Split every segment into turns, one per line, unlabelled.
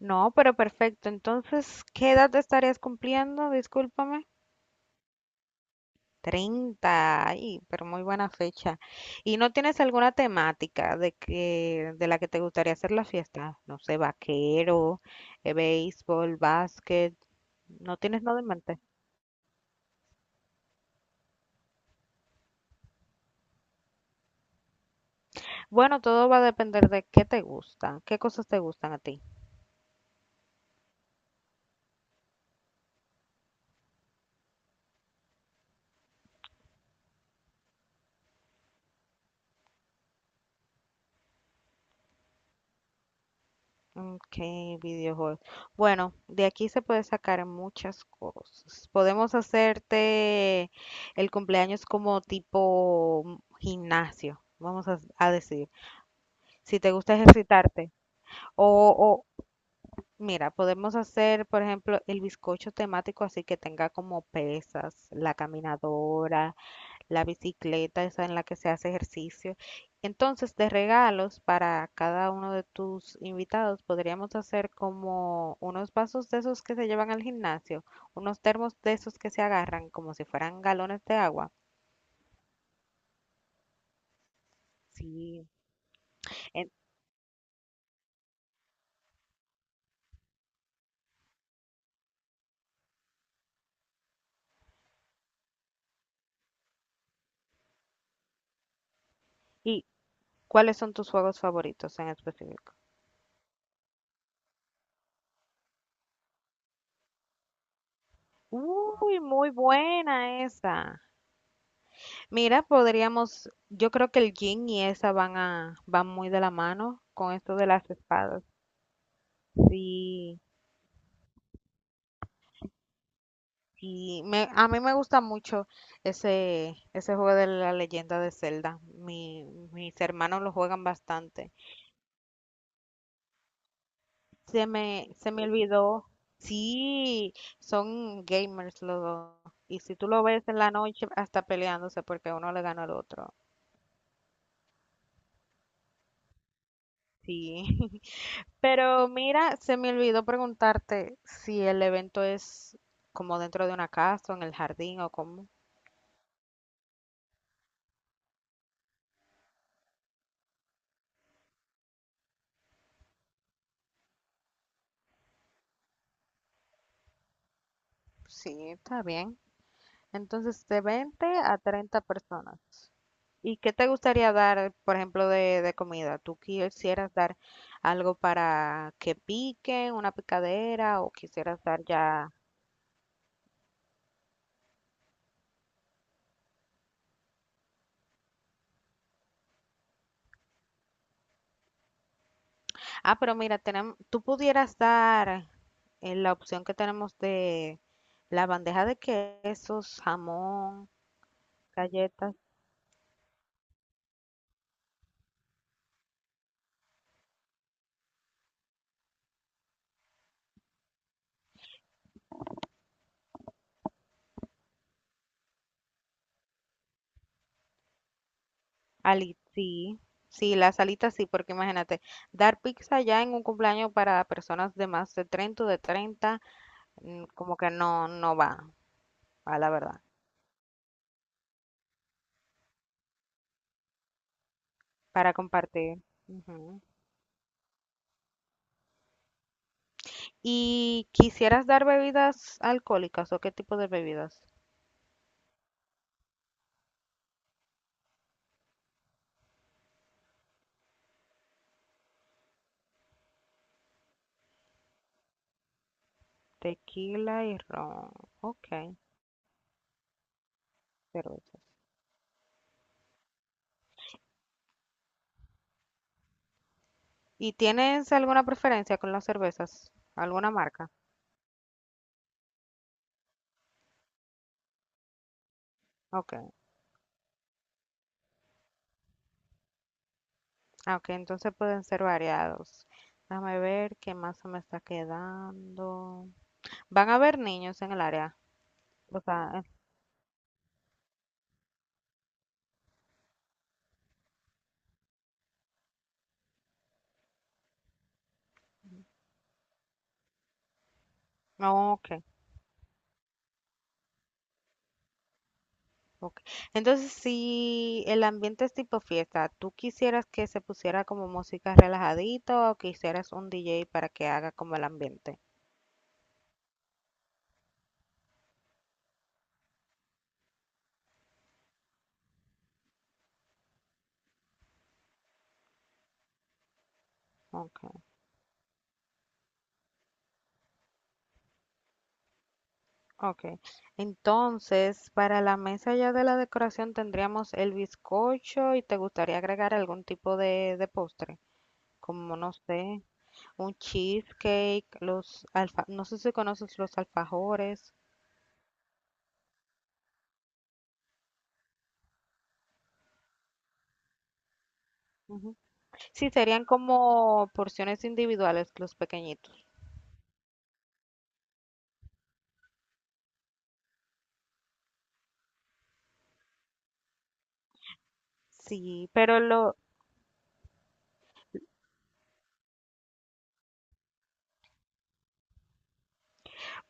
No, pero perfecto. Entonces, ¿qué edad estarías cumpliendo? Discúlpame. Treinta. Ay, pero muy buena fecha. ¿Y no tienes alguna temática de que de la que te gustaría hacer la fiesta? No sé, vaquero, béisbol, básquet. ¿No tienes nada en mente? Bueno, todo va a depender de qué te gusta, qué cosas te gustan a ti. Ok, videojuegos. Bueno, de aquí se puede sacar muchas cosas. Podemos hacerte el cumpleaños como tipo gimnasio, vamos a decir, si te gusta ejercitarte. O, o, mira, podemos hacer, por ejemplo, el bizcocho temático así que tenga como pesas, la caminadora, la bicicleta, esa en la que se hace ejercicio. Entonces, de regalos para cada uno de tus invitados, podríamos hacer como unos vasos de esos que se llevan al gimnasio, unos termos de esos que se agarran como si fueran galones de agua. Sí. En- ¿Y cuáles son tus juegos favoritos en específico? Uy, muy buena esa. Mira, podríamos, yo creo que el yin y esa van muy de la mano con esto de las espadas. Sí. Y a mí me gusta mucho ese juego de la leyenda de Zelda. Mis hermanos lo juegan bastante. Se me olvidó. Sí, son gamers los dos. Y si tú lo ves en la noche, hasta peleándose porque uno le gana al otro. Sí. Pero mira, se me olvidó preguntarte si el evento es como dentro de una casa o en el jardín o cómo. Sí, está bien. Entonces, de 20 a 30 personas. ¿Y qué te gustaría dar, por ejemplo, de comida? ¿Tú quisieras dar algo para que piquen, una picadera, o quisieras dar ya... Ah, pero mira, tenemos tú pudieras dar la opción que tenemos de la bandeja de quesos, jamón, galletas, alitas, sí. Sí, las alitas sí, porque imagínate, dar pizza ya en un cumpleaños para personas de más de 30 o de 30. Como que no, no va, a la verdad, para compartir. Ujú. ¿Y quisieras dar bebidas alcohólicas o qué tipo de bebidas? Tequila y ron. Ok, cerveza. ¿Y tienes alguna preferencia con las cervezas? ¿Alguna marca? Ok, ah, ok, entonces pueden ser variados. Déjame ver qué más se me está quedando. ¿Van a haber niños en el área? O sea, ok. Ok. Entonces, si el ambiente es tipo fiesta, ¿tú quisieras que se pusiera como música relajadita o quisieras un DJ para que haga como el ambiente? Ok, ok. Entonces, para la mesa ya de la decoración tendríamos el bizcocho y te gustaría agregar algún tipo de postre, como no sé, un cheesecake, los alfa, no sé si conoces los alfajores. Ujú. Sí, serían como porciones individuales, los pequeñitos. Sí, pero lo,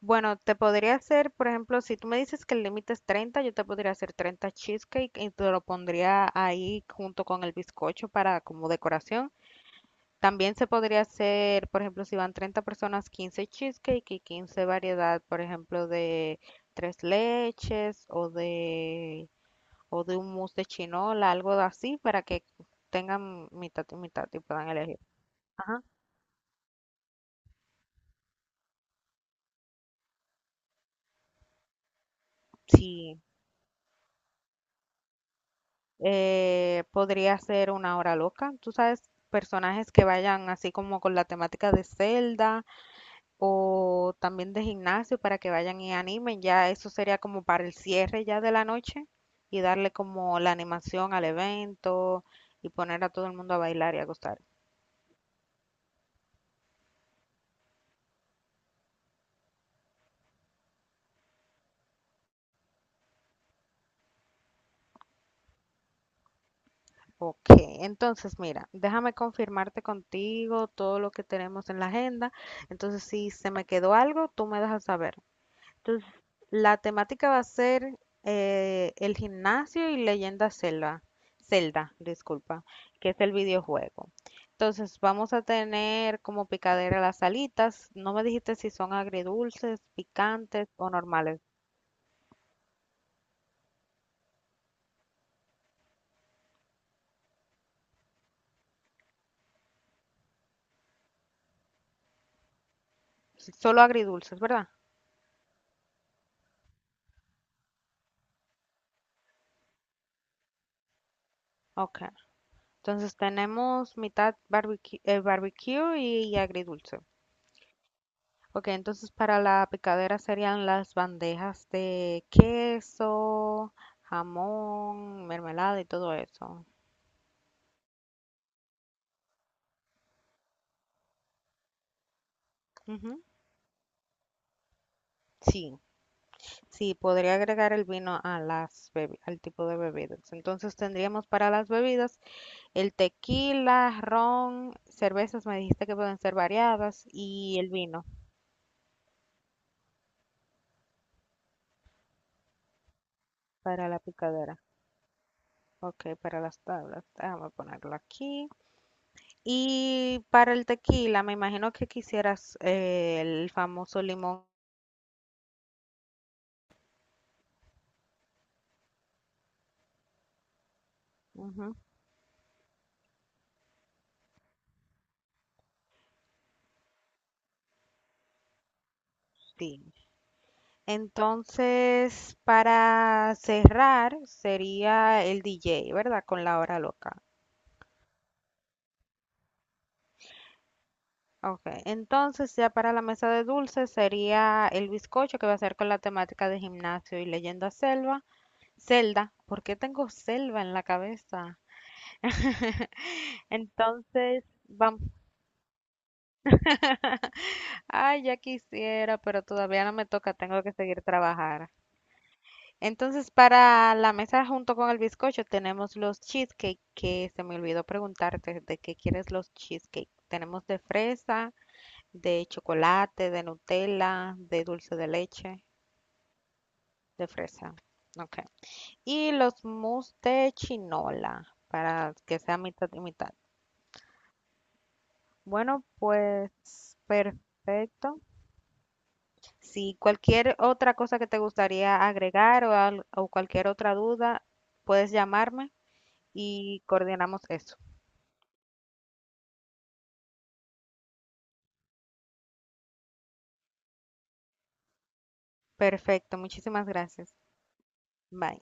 bueno, te podría hacer, por ejemplo, si tú me dices que el límite es 30, yo te podría hacer 30 cheesecake y te lo pondría ahí junto con el bizcocho para como decoración. También se podría hacer, por ejemplo, si van 30 personas, 15 cheesecake y 15 variedad, por ejemplo, de tres leches o de un mousse de chinola, algo así para que tengan mitad y mitad y puedan elegir. Ajá. Sí. Podría ser una hora loca. Tú sabes, personajes que vayan así como con la temática de Zelda o también de gimnasio para que vayan y animen. Ya eso sería como para el cierre ya de la noche y darle como la animación al evento y poner a todo el mundo a bailar y a gozar. Ok, entonces mira, déjame confirmarte contigo todo lo que tenemos en la agenda. Entonces, si se me quedó algo, tú me dejas saber. Entonces, la temática va a ser el gimnasio y leyenda Zelda, Zelda, disculpa, que es el videojuego. Entonces, vamos a tener como picadera las alitas. No me dijiste si son agridulces, picantes o normales. Solo agridulces, ¿verdad? Ok. Entonces, tenemos mitad barbecue, barbecue y agridulce. Ok, entonces para la picadera serían las bandejas de queso, jamón, mermelada y todo eso. Ujú. Sí, sí, podría agregar el vino a al tipo de bebidas. Entonces tendríamos para las bebidas el tequila, ron, cervezas, me dijiste que pueden ser variadas, y el vino para la picadera. Ok, para las tablas. Déjame ponerlo aquí. Y para el tequila, me imagino que quisieras el famoso limón. Ujú, sí. Entonces, para cerrar, sería el DJ, ¿verdad? Con la hora loca. Ok. Entonces, ya para la mesa de dulces sería el bizcocho que va a ser con la temática de gimnasio y leyenda selva. Zelda. ¿Por qué tengo selva en la cabeza? Entonces, vamos. Ay, ya quisiera, pero todavía no me toca. Tengo que seguir trabajar. Entonces, para la mesa junto con el bizcocho tenemos los cheesecake, que se me olvidó preguntarte de qué quieres los cheesecake. Tenemos de fresa, de chocolate, de Nutella, de dulce de leche, de fresa. Ok. Y los mousse de chinola, para que sea mitad y mitad. Bueno, pues perfecto. Si cualquier otra cosa que te gustaría agregar o, o cualquier otra duda, puedes llamarme y coordinamos eso. Perfecto, muchísimas gracias. Bye.